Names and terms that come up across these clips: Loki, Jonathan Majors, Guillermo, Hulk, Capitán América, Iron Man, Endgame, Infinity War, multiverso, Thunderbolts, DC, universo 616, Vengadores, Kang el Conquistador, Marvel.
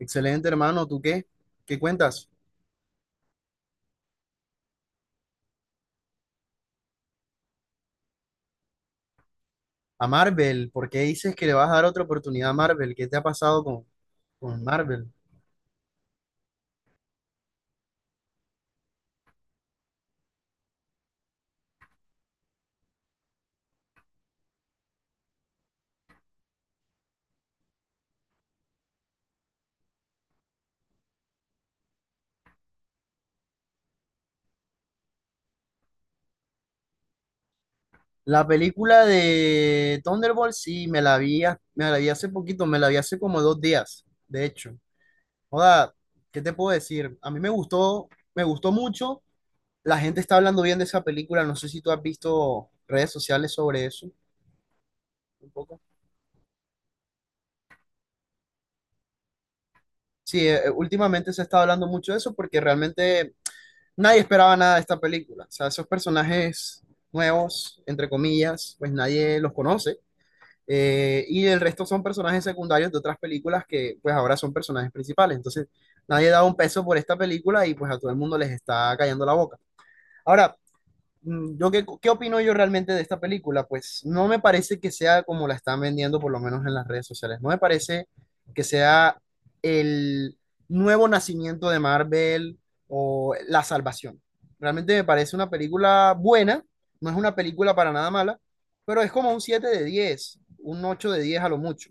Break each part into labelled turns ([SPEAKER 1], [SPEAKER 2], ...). [SPEAKER 1] Excelente, hermano. ¿Tú qué? ¿Qué cuentas? A Marvel, ¿por qué dices que le vas a dar otra oportunidad a Marvel? ¿Qué te ha pasado con Marvel? La película de Thunderbolt, sí, me la vi, me la vi hace poquito, me la vi hace como dos días, de hecho. Joda, ¿qué te puedo decir? A mí me gustó mucho. La gente está hablando bien de esa película. No sé si tú has visto redes sociales sobre eso un poco. Sí, últimamente se está hablando mucho de eso porque realmente nadie esperaba nada de esta película. O sea, esos personajes nuevos, entre comillas, pues nadie los conoce. Y el resto son personajes secundarios de otras películas que pues ahora son personajes principales. Entonces, nadie da un peso por esta película y pues a todo el mundo les está cayendo la boca. Ahora, yo qué opino yo realmente de esta película? Pues no me parece que sea como la están vendiendo, por lo menos en las redes sociales. No me parece que sea el nuevo nacimiento de Marvel o la salvación. Realmente me parece una película buena, no es una película para nada mala, pero es como un 7 de 10 un 8 de 10 a lo mucho.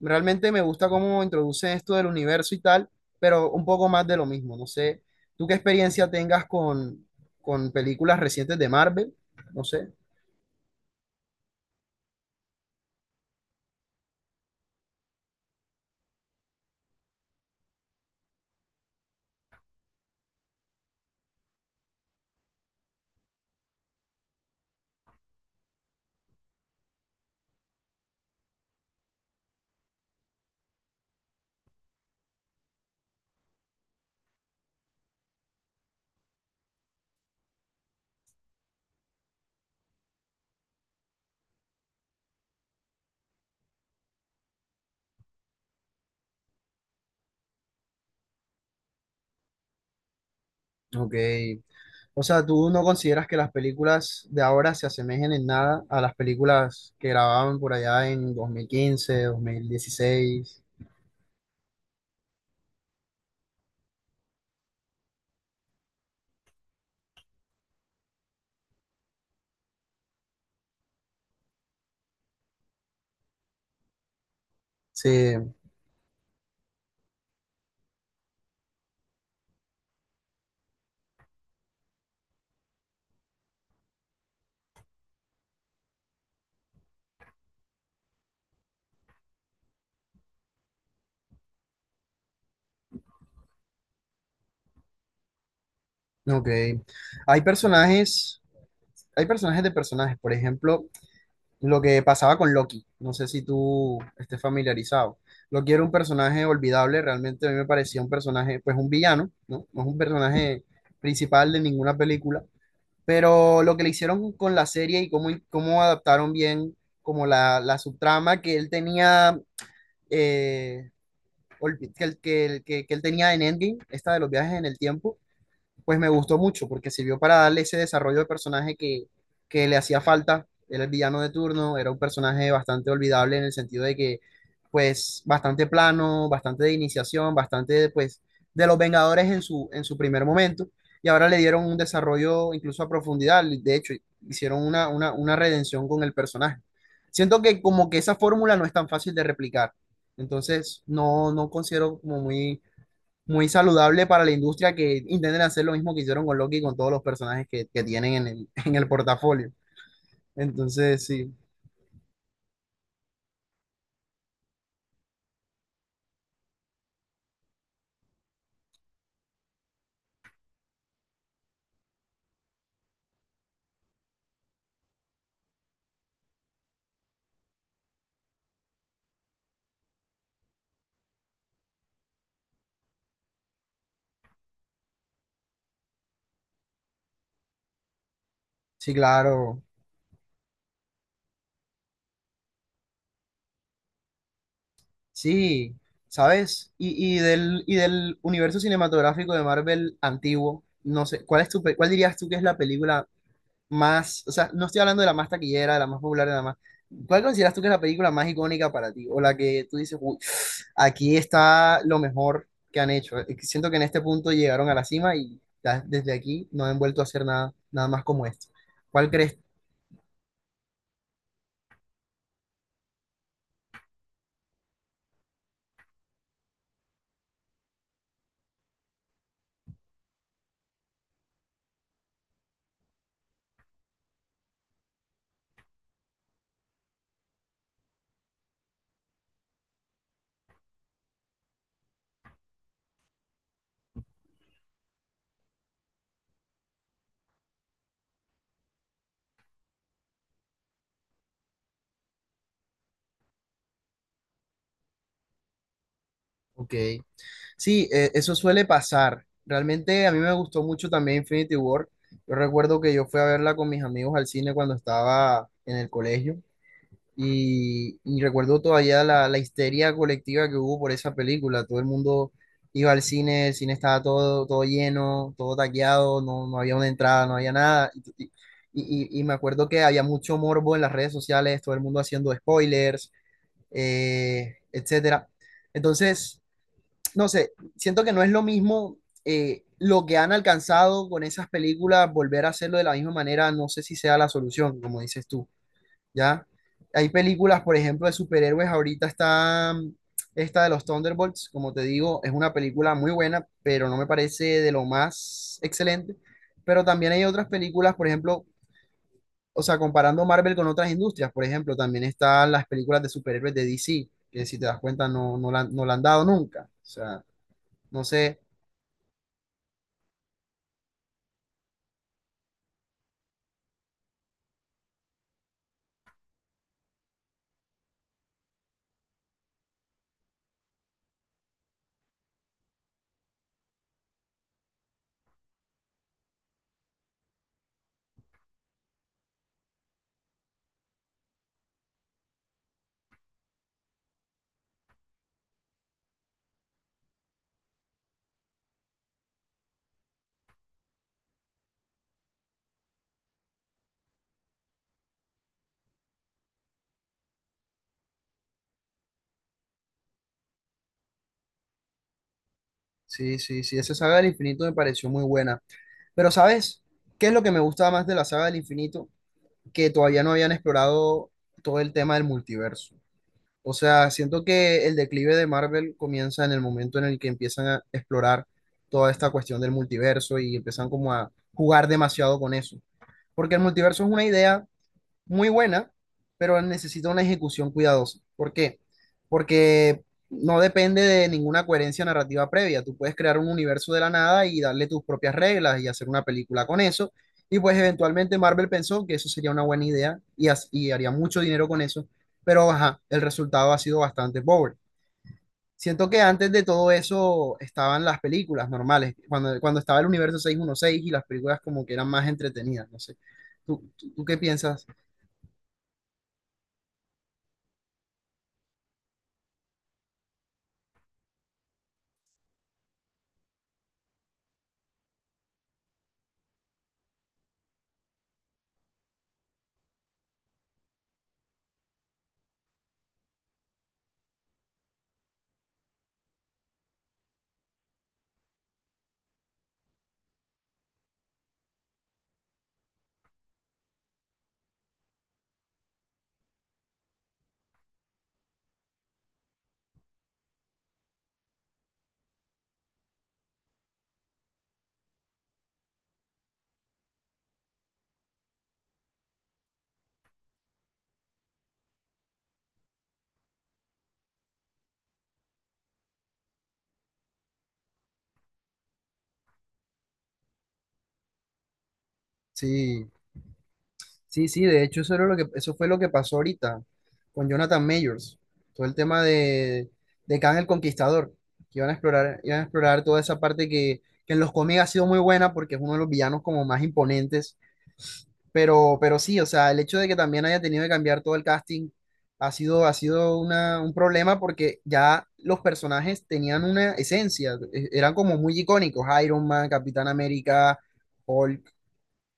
[SPEAKER 1] Realmente me gusta cómo introduce esto del universo y tal, pero un poco más de lo mismo. No sé, ¿tú qué experiencia tengas con películas recientes de Marvel? No sé. Ok. O sea, ¿tú no consideras que las películas de ahora se asemejen en nada a las películas que grababan por allá en dos mil quince dos mil dieciséis? Sí, ok. Hay personajes, hay personajes de personajes. Por ejemplo, lo que pasaba con Loki. No sé si tú estés familiarizado. Loki era un personaje olvidable, realmente a mí me parecía un personaje, pues un villano, ¿no? No es un personaje principal de ninguna película, pero lo que le hicieron con la serie y cómo adaptaron bien como la subtrama que él tenía, eh, que él tenía en Endgame, esta de los viajes en el tiempo, pues me gustó mucho porque sirvió para darle ese desarrollo de personaje que le hacía falta. Era el villano de turno, era un personaje bastante olvidable en el sentido de que, pues, bastante plano, bastante de iniciación, bastante, pues, de los Vengadores en en su primer momento. Y ahora le dieron un desarrollo incluso a profundidad. De hecho, hicieron una redención con el personaje. Siento que como que esa fórmula no es tan fácil de replicar. Entonces, no, no considero como muy saludable para la industria que intenten hacer lo mismo que hicieron con Loki y con todos los personajes que tienen en el, en el portafolio. Entonces, sí, sí, claro, sí, ¿sabes? Y del universo cinematográfico de Marvel antiguo, no sé, ¿cuál es cuál dirías tú que es la película más, o sea, no estoy hablando de la más taquillera, de la más popular, de la más... ¿Cuál consideras tú que es la película más icónica para ti? O la que tú dices: "Uy, aquí está lo mejor que han hecho. Siento que en este punto llegaron a la cima y ya desde aquí no han vuelto a hacer nada, nada más como esto. ¿Cuál crees?" Ok. Sí, eso suele pasar. Realmente a mí me gustó mucho también Infinity War. Yo recuerdo que yo fui a verla con mis amigos al cine cuando estaba en el colegio. Y recuerdo todavía la histeria colectiva que hubo por esa película. Todo el mundo iba al cine, el cine estaba todo, todo lleno, todo taqueado, no, no había una entrada, no había nada. Y, y me acuerdo que había mucho morbo en las redes sociales, todo el mundo haciendo spoilers, etcétera. Entonces, no sé, siento que no es lo mismo lo que han alcanzado con esas películas, volver a hacerlo de la misma manera, no sé si sea la solución, como dices tú. ¿Ya? Hay películas, por ejemplo, de superhéroes. Ahorita está esta de los Thunderbolts, como te digo, es una película muy buena, pero no me parece de lo más excelente. Pero también hay otras películas, por ejemplo, o sea, comparando Marvel con otras industrias, por ejemplo, también están las películas de superhéroes de DC, que si te das cuenta no, no la han dado nunca. O sea, no sé, sí, sí, sí, esa saga del infinito me pareció muy buena. Pero, ¿sabes? ¿Qué es lo que me gusta más de la saga del infinito? Que todavía no habían explorado todo el tema del multiverso. O sea, siento que el declive de Marvel comienza en el momento en el que empiezan a explorar toda esta cuestión del multiverso y empiezan como a jugar demasiado con eso. Porque el multiverso es una idea muy buena, pero necesita una ejecución cuidadosa. ¿Por qué? Porque no depende de ninguna coherencia narrativa previa. Tú puedes crear un universo de la nada y darle tus propias reglas y hacer una película con eso. Y pues eventualmente Marvel pensó que eso sería una buena idea y y haría mucho dinero con eso, pero ajá, el resultado ha sido bastante pobre. Siento que antes de todo eso estaban las películas normales, cuando estaba el universo 616 y las películas como que eran más entretenidas, no sé. Tú qué piensas? Sí. Sí, sí, de hecho eso era lo que, eso fue lo que pasó ahorita con Jonathan Majors, todo el tema de Kang el Conquistador, que iban a explorar toda esa parte que en los cómics ha sido muy buena porque es uno de los villanos como más imponentes, pero sí, o sea, el hecho de que también haya tenido que cambiar todo el casting ha sido una, un problema porque ya los personajes tenían una esencia, eran como muy icónicos, Iron Man, Capitán América, Hulk.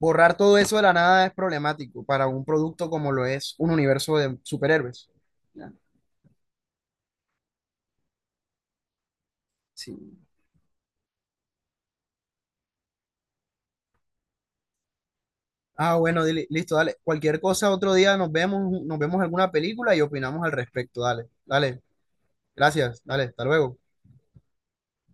[SPEAKER 1] Borrar todo eso de la nada es problemático para un producto como lo es un universo de superhéroes. Ya, sí. Ah, bueno, listo, dale. Cualquier cosa, otro día nos vemos alguna película y opinamos al respecto. Dale, dale. Gracias, dale, hasta luego.